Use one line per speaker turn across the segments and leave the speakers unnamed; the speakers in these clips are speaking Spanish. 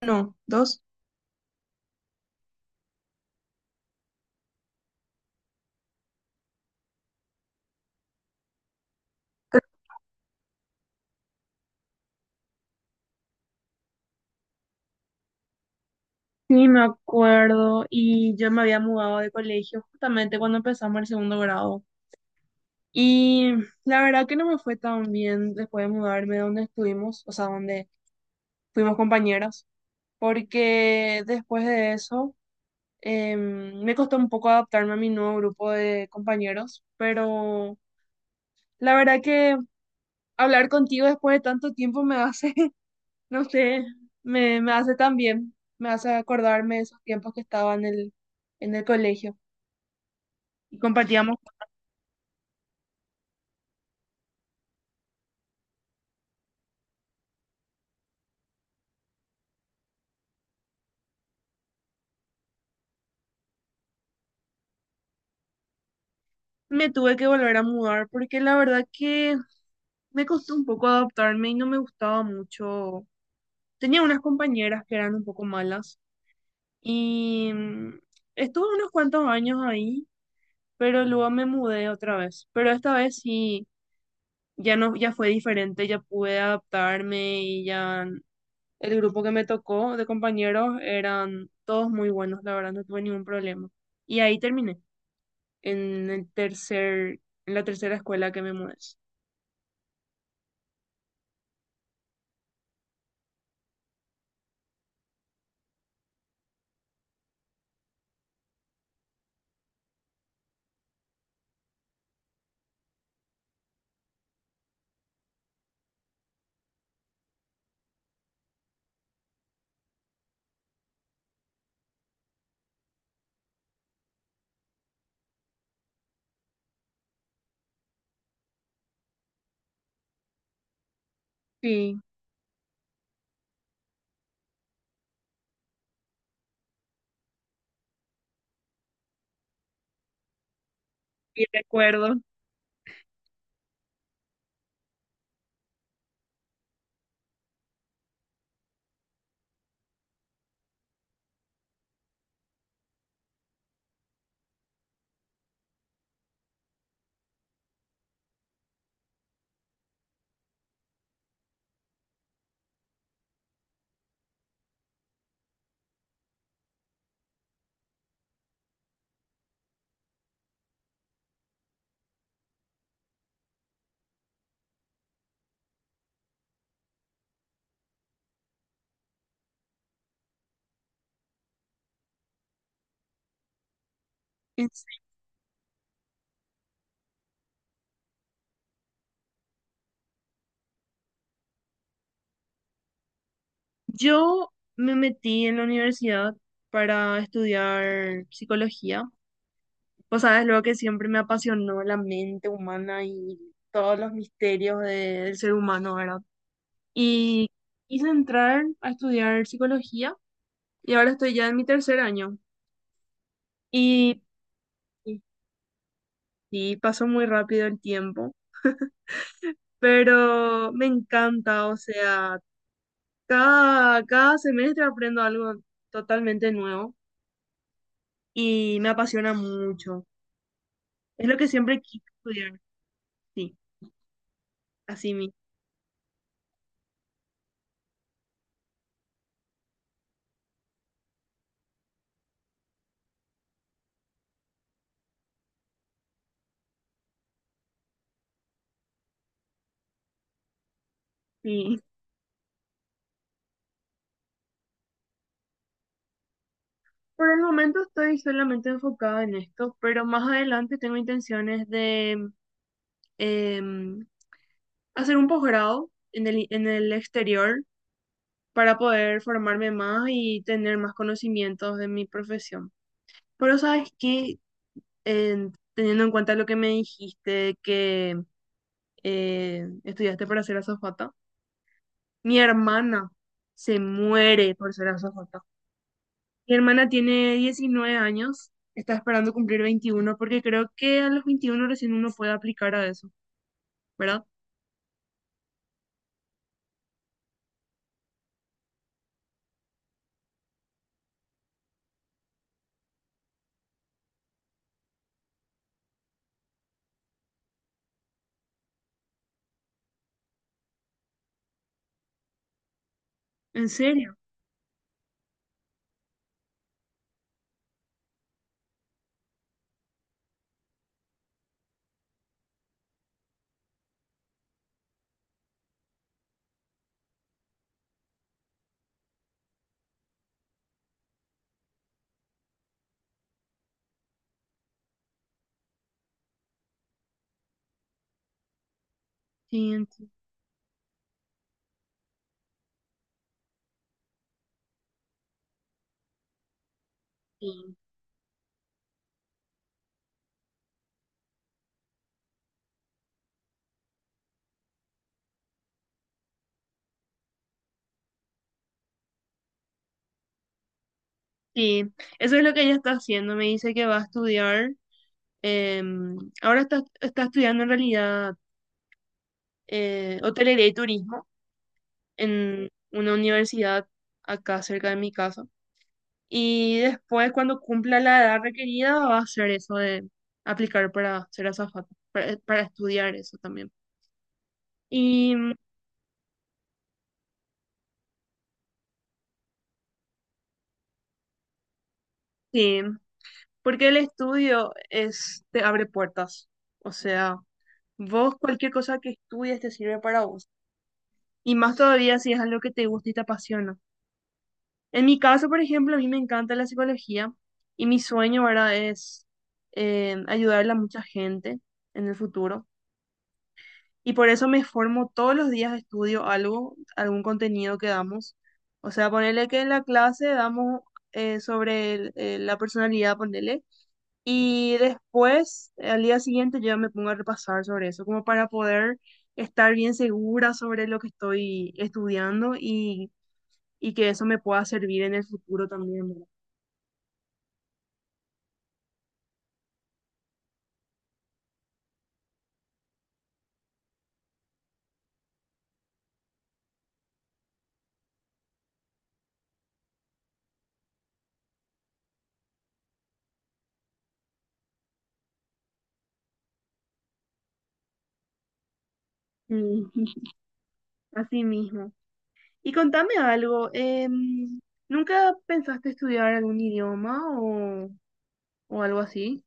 No, dos. Sí, me acuerdo. Y yo me había mudado de colegio justamente cuando empezamos el segundo grado. Y la verdad que no me fue tan bien después de mudarme de donde estuvimos, o sea, donde fuimos compañeras, porque después de eso me costó un poco adaptarme a mi nuevo grupo de compañeros, pero la verdad que hablar contigo después de tanto tiempo me hace No sé, me hace tan bien, me hace acordarme de esos tiempos que estaba en el colegio y compartíamos. Me tuve que volver a mudar porque la verdad que me costó un poco adaptarme y no me gustaba mucho. Tenía unas compañeras que eran un poco malas y estuve unos cuantos años ahí, pero luego me mudé otra vez. Pero esta vez sí, ya no, ya fue diferente, ya pude adaptarme y ya. El grupo que me tocó de compañeros eran todos muy buenos, la verdad, no tuve ningún problema. Y ahí terminé, en el tercer, en la tercera escuela que me mudé. Sí, y recuerdo. En sí. Yo me metí en la universidad para estudiar psicología. Vos sabes, lo que siempre me apasionó la mente humana y todos los misterios del ser humano, ¿verdad? Y quise entrar a estudiar psicología y ahora estoy ya en mi tercer año. Y Y sí, pasó muy rápido el tiempo, pero me encanta, o sea, cada semestre aprendo algo totalmente nuevo y me apasiona mucho. Es lo que siempre quise estudiar, sí, así mismo. Sí. Por el momento estoy solamente enfocada en esto, pero más adelante tengo intenciones de em, hacer un posgrado en el exterior para poder formarme más y tener más conocimientos de mi profesión. Pero sabes que teniendo en cuenta lo que me dijiste, que estudiaste para ser azafata, mi hermana se muere por ser azafata. Mi hermana tiene 19 años, está esperando cumplir 21 porque creo que a los 21 recién uno puede aplicar a eso, ¿verdad? ¿En serio? Sí, sí. Sí, sí. Eso es lo que ella está haciendo. Me dice que va a estudiar. Ahora está estudiando en realidad hotelería y turismo en una universidad acá cerca de mi casa. Y después, cuando cumpla la edad requerida, va a hacer eso de aplicar para ser azafata, para estudiar eso también. Y mm, sí, porque el estudio es, te abre puertas. O sea, vos cualquier cosa que estudies te sirve para vos. Y más todavía si es algo que te gusta y te apasiona. En mi caso, por ejemplo, a mí me encanta la psicología y mi sueño, ¿verdad? Es ayudarle a mucha gente en el futuro. Y por eso me formo todos los días, estudio algo, algún contenido que damos. O sea, ponerle que en la clase damos sobre la personalidad, ponerle. Y después, al día siguiente, yo ya me pongo a repasar sobre eso, como para poder estar bien segura sobre lo que estoy estudiando y que eso me pueda servir en el futuro también, ¿verdad? Mm, Así mismo. Y contame algo, ¿nunca pensaste estudiar algún idioma o algo así?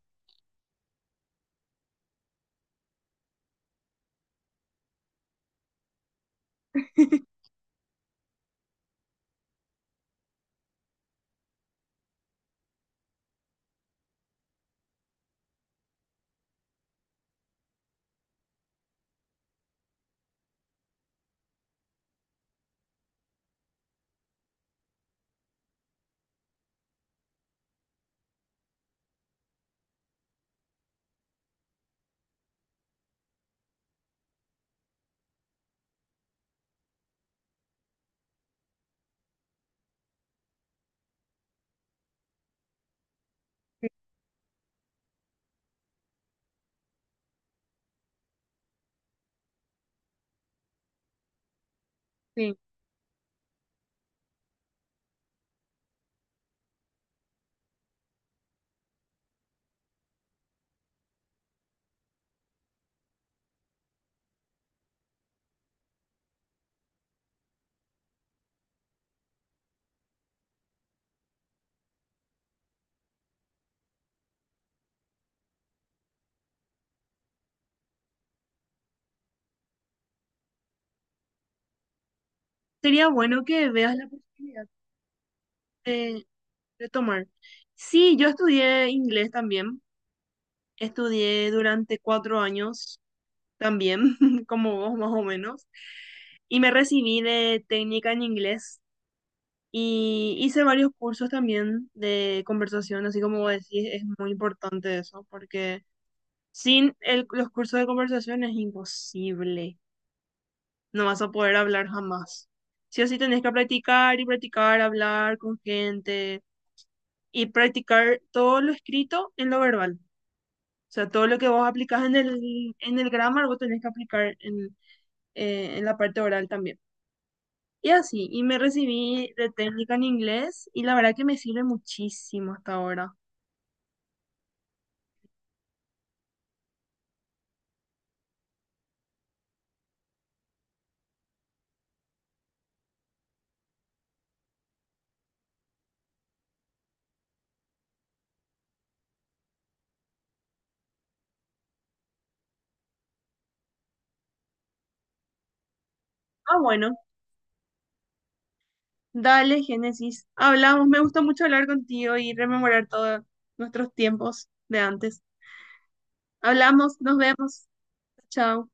Sí. Sería bueno que veas la posibilidad de, de tomar. Sí, yo estudié inglés también. Estudié durante 4 años también, como vos más o menos. Y me recibí de técnica en inglés. Y hice varios cursos también de conversación, así como vos decís, es muy importante eso, porque sin los cursos de conversación es imposible. No vas a poder hablar jamás. Sí o sí tenés que practicar y practicar, hablar con gente y practicar todo lo escrito en lo verbal. O sea, todo lo que vos aplicás en el grammar, vos tenés que aplicar en la parte oral también. Y así, y me recibí de técnica en inglés y la verdad que me sirve muchísimo hasta ahora. Ah, bueno. Dale, Génesis. Hablamos. Me gusta mucho hablar contigo y rememorar todos nuestros tiempos de antes. Hablamos, nos vemos. Chao.